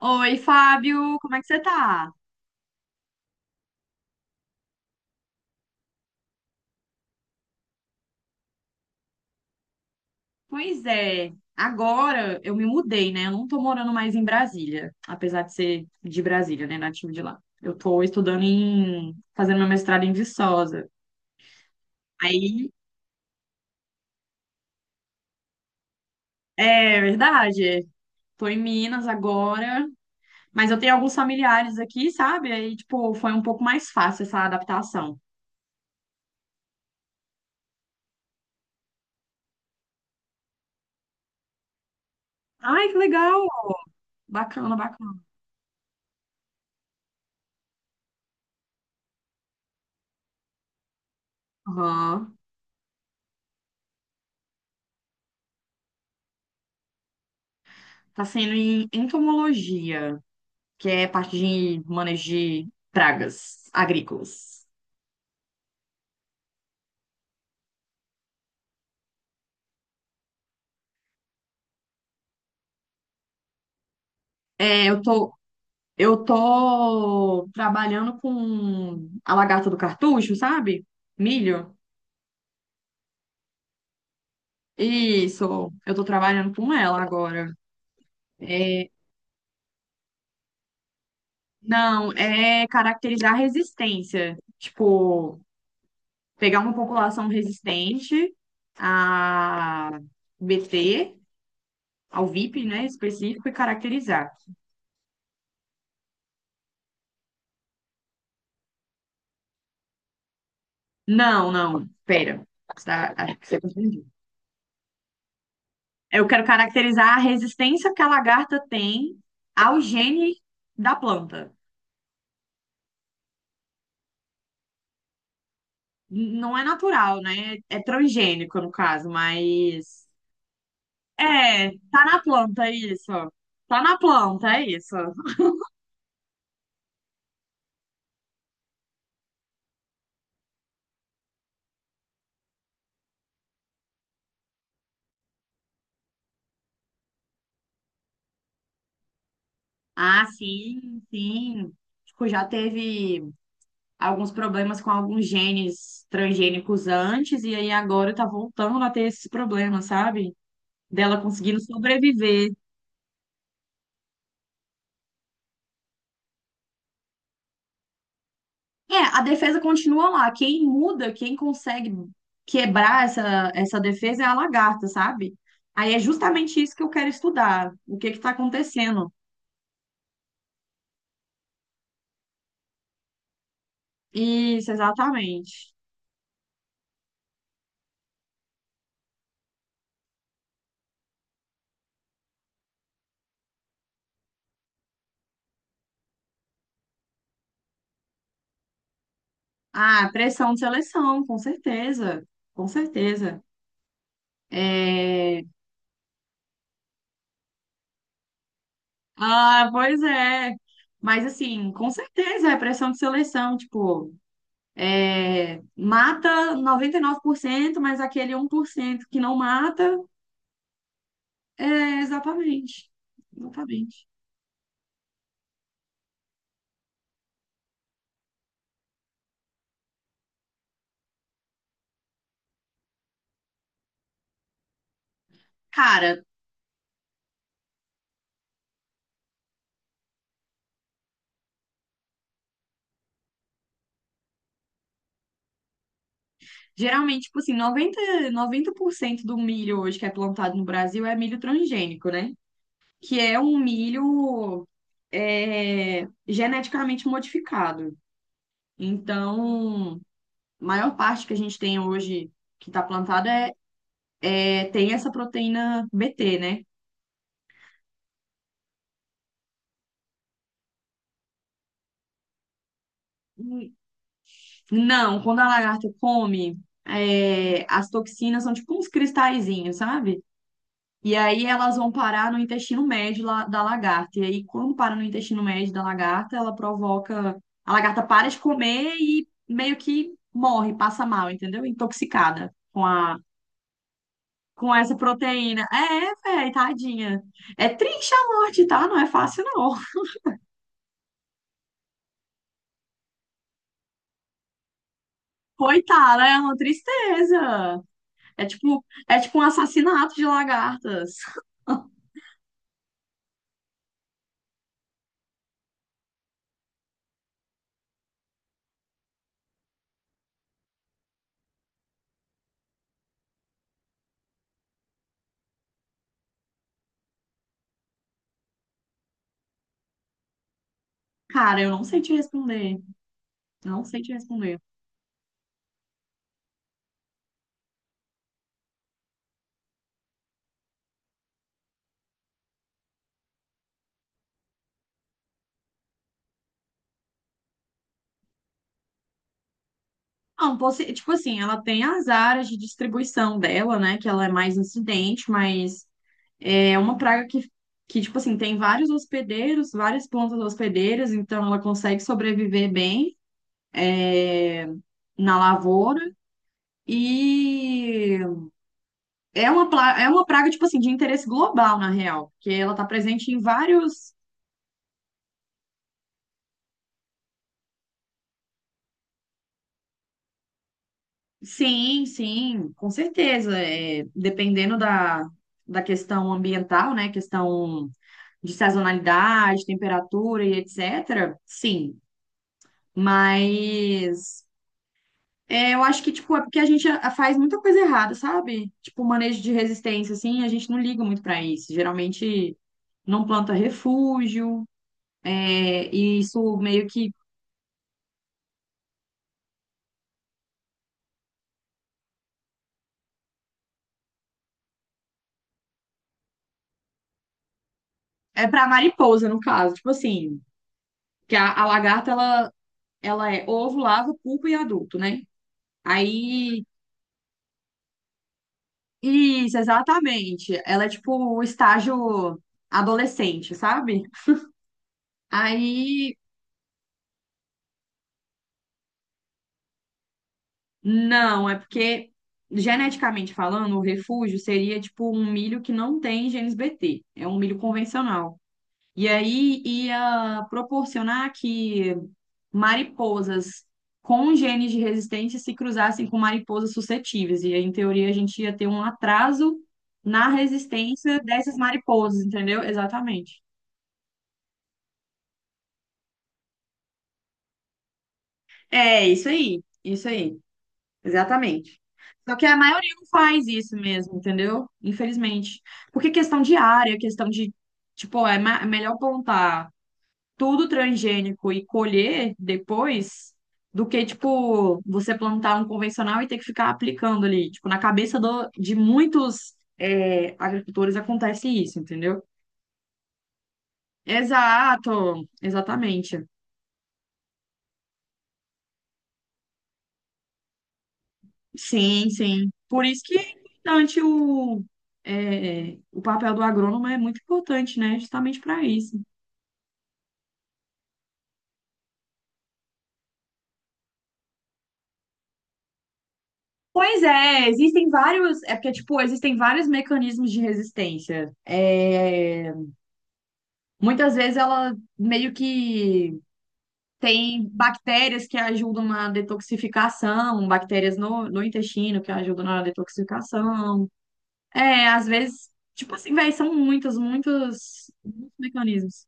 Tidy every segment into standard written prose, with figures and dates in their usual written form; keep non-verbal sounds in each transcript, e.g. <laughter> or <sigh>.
Oi, Fábio, como é que você tá? Pois é, agora eu me mudei, né? Eu não tô morando mais em Brasília, apesar de ser de Brasília, né? Nativo de lá. Eu tô fazendo meu mestrado em Viçosa. Aí, é verdade, tô em Minas agora, mas eu tenho alguns familiares aqui, sabe? Aí, tipo, foi um pouco mais fácil essa adaptação. Ai, que legal! Bacana, bacana. Aham. Tá sendo em entomologia, que é parte de manejo de pragas agrícolas. É, eu tô trabalhando com a lagarta do cartucho, sabe? Milho. Isso, eu tô trabalhando com ela agora. É, não, é caracterizar a resistência. Tipo, pegar uma população resistente a BT, ao VIP, né, específico e caracterizar. Não, não, pera. Acho que você confundiu. Eu quero caracterizar a resistência que a lagarta tem ao gene da planta. Não é natural, né? É transgênico, no caso, mas. É, tá na planta, é isso. Tá na planta, é isso. Ah, sim, sim. Tipo, já teve alguns problemas com alguns genes transgênicos antes, e aí agora tá voltando a ter esses problemas, sabe? Dela conseguindo sobreviver. É, a defesa continua lá. Quem muda, quem consegue quebrar essa defesa é a lagarta, sabe? Aí é justamente isso que eu quero estudar. O que que tá acontecendo? Isso, exatamente. Ah, pressão de seleção, com certeza. Com certeza. É... Ah, pois é. Mas assim, com certeza é pressão de seleção, tipo, mata 99%, mas aquele 1% que não mata. É, exatamente. Exatamente. Cara, geralmente, tipo assim, noventa por cento do milho hoje que é plantado no Brasil é milho transgênico, né? Que é um milho geneticamente modificado. Então, a maior parte que a gente tem hoje que está plantada tem essa proteína BT, né? Não, quando a lagarta come, as toxinas são tipo uns cristalzinhos, sabe? E aí elas vão parar no intestino médio da lagarta. E aí, quando para no intestino médio da lagarta, ela provoca. A lagarta para de comer e meio que morre, passa mal, entendeu? Intoxicada com a. Com essa proteína. É, velho, tadinha. É triste a morte, tá? Não é fácil, não. Coitada, é uma tristeza. É tipo um assassinato de lagartas. Cara, eu não sei te responder. Não sei te responder. Não, tipo assim, ela tem as áreas de distribuição dela, né? Que ela é mais incidente, mas é uma praga que, tipo assim, tem vários hospedeiros, várias plantas hospedeiras, então ela consegue sobreviver bem, é, na lavoura. E é uma praga, tipo assim, de interesse global, na real, porque ela tá presente em vários. Sim, sim, com certeza. É, dependendo da questão ambiental, né? Questão de sazonalidade, temperatura e etc. Sim, mas eu acho que tipo é porque a gente faz muita coisa errada, sabe? Tipo manejo de resistência assim, a gente não liga muito para isso. Geralmente não planta refúgio, e isso meio que é para mariposa no caso, tipo assim, que a lagarta ela é ovo, larva, pupa e adulto, né? Aí isso, exatamente. Ela é tipo o estágio adolescente, sabe? Aí, não, é porque, geneticamente falando, o refúgio seria tipo um milho que não tem genes BT, é um milho convencional. E aí ia proporcionar que mariposas com genes de resistência se cruzassem com mariposas suscetíveis. E aí, em teoria, a gente ia ter um atraso na resistência dessas mariposas, entendeu? Exatamente. É, isso aí, isso aí. Exatamente. Só que a maioria não faz isso mesmo, entendeu? Infelizmente. Porque questão de área, questão de, tipo, é melhor plantar tudo transgênico e colher depois do que, tipo, você plantar um convencional e ter que ficar aplicando ali. Tipo, na cabeça de muitos, agricultores acontece isso, entendeu? Exato, exatamente. Sim, sim. Por isso que é importante o papel do agrônomo é muito importante, né? Justamente para isso. Pois é, existem vários, é porque, tipo, existem vários mecanismos de resistência. É, muitas vezes ela meio que tem bactérias que ajudam na detoxificação, bactérias no intestino que ajudam na detoxificação. É, às vezes, tipo assim, véi, são muitos, muitos, muitos mecanismos.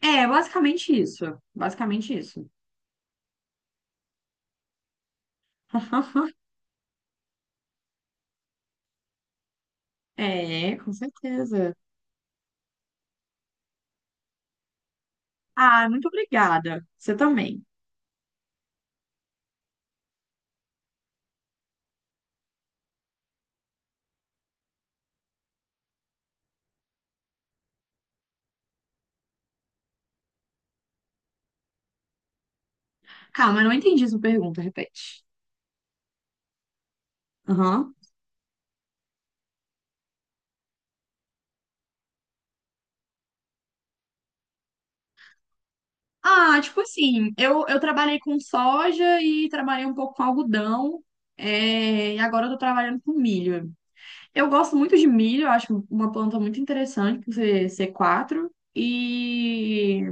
É, basicamente isso. Basicamente isso. <laughs> É, com certeza. Ah, muito obrigada. Você também. Calma, eu não entendi sua pergunta, repete. Aham. Ah, tipo assim, eu trabalhei com soja e trabalhei um pouco com algodão, e agora eu tô trabalhando com milho. Eu gosto muito de milho, eu acho uma planta muito interessante, por ser C4 e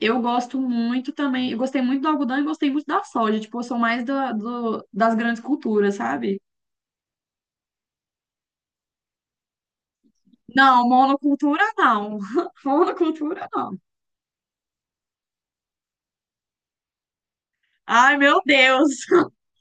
Eu gosto muito também, eu gostei muito do algodão e gostei muito da soja. Tipo, eu sou mais das grandes culturas, sabe? Não, monocultura não. <laughs> Monocultura não. Ai, meu Deus. <laughs>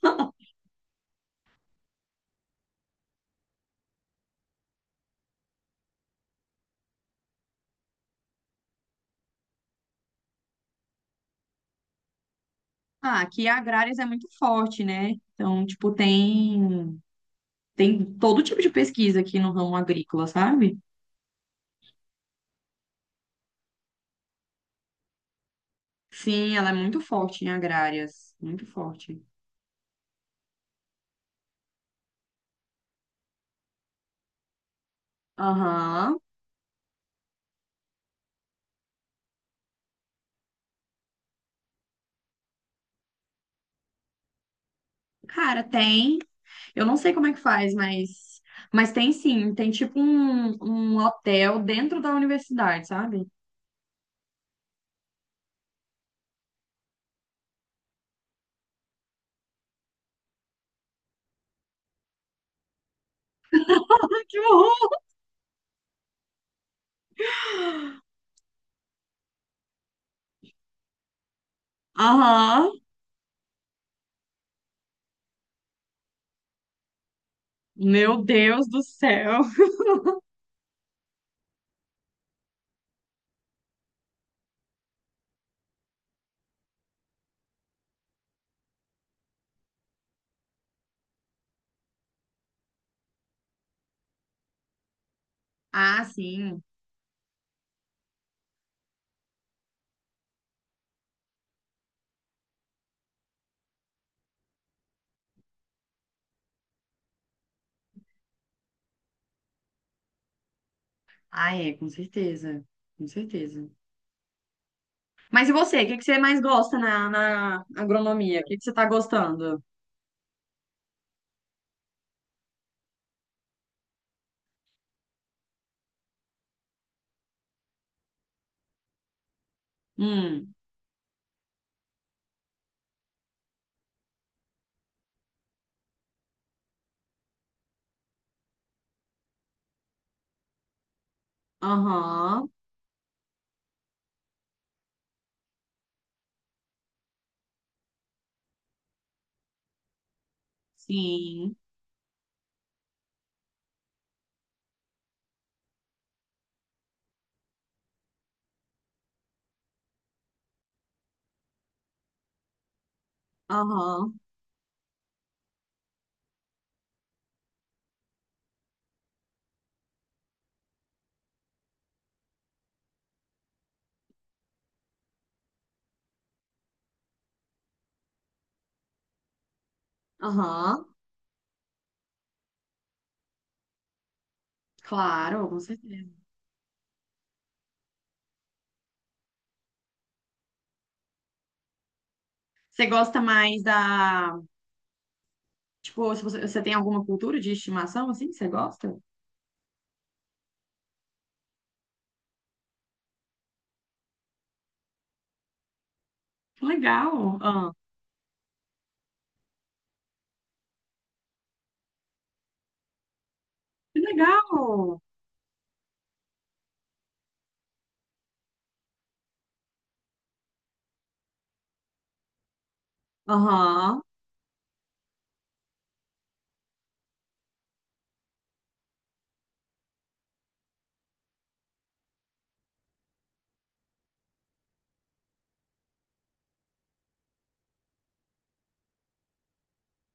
Ah, aqui agrárias é muito forte, né? Então, tipo, tem todo tipo de pesquisa aqui no ramo agrícola, sabe? Sim, ela é muito forte em agrárias. Muito forte. Aham. Cara, tem. Eu não sei como é que faz, mas tem sim, tem tipo um hotel dentro da universidade, sabe? Que horror! Aham, meu Deus do céu. Ah, sim. Ah, é, com certeza. Com certeza. Mas e você? O que que você mais gosta na agronomia? O que que você tá gostando? Hum, aham, sim. Aham, aham. Claro, com certeza. Você gosta mais da. Tipo, se você tem alguma cultura de estimação assim que você gosta? Que legal. Ah, que legal. Aham.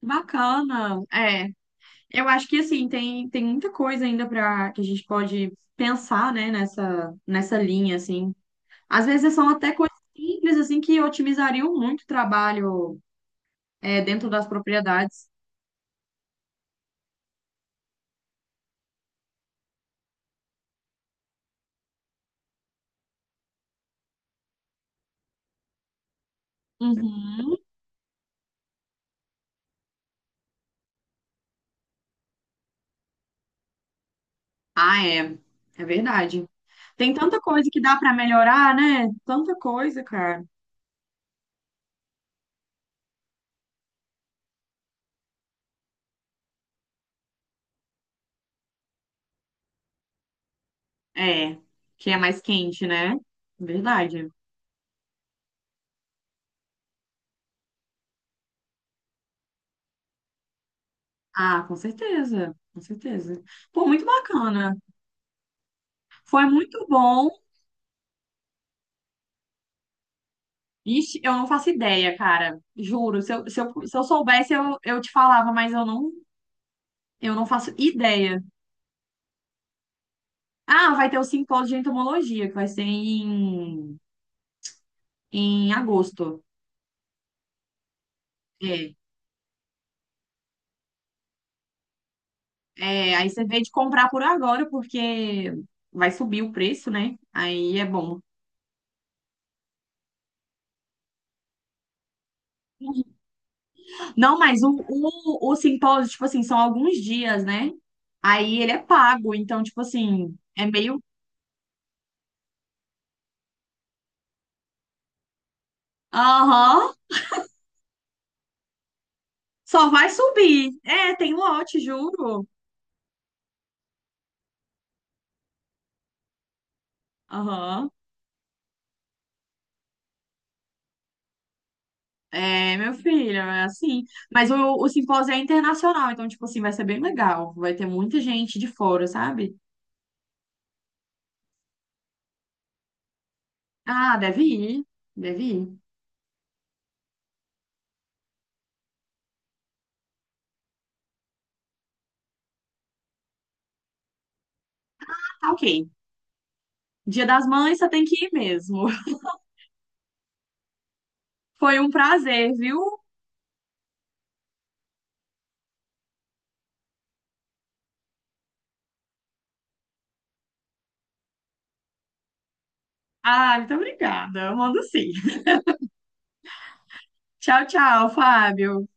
Bacana. É, eu acho que assim tem muita coisa ainda para que a gente pode pensar, né, nessa linha assim. Às vezes são até coisas simples assim que otimizariam muito o trabalho, dentro das propriedades. Uhum. Ah, é. É verdade. Tem tanta coisa que dá para melhorar, né? Tanta coisa, cara. É, que é mais quente, né? Verdade. Ah, com certeza, com certeza. Pô, muito bacana. Foi muito bom. Ixi, eu não faço ideia, cara. Juro. Se eu soubesse, eu te falava, mas eu não faço ideia. Ah, vai ter o simpósio de entomologia, que vai ser em agosto. É, aí você vê de comprar por agora, porque vai subir o preço, né? Aí é bom. Não, mas o simpósio, tipo assim, são alguns dias, né? Aí ele é pago, então, tipo assim, é meio. Aham, só vai subir. É, tem lote, juro. Aham. É, meu filho, é assim. Mas o simpósio é internacional, então, tipo assim, vai ser bem legal. Vai ter muita gente de fora, sabe? Ah, deve ir. Deve ir. Tá ok. Dia das Mães, você tem que ir mesmo. <laughs> Foi um prazer, viu? Ah, muito obrigada. Eu mando sim. Tchau, tchau, Fábio.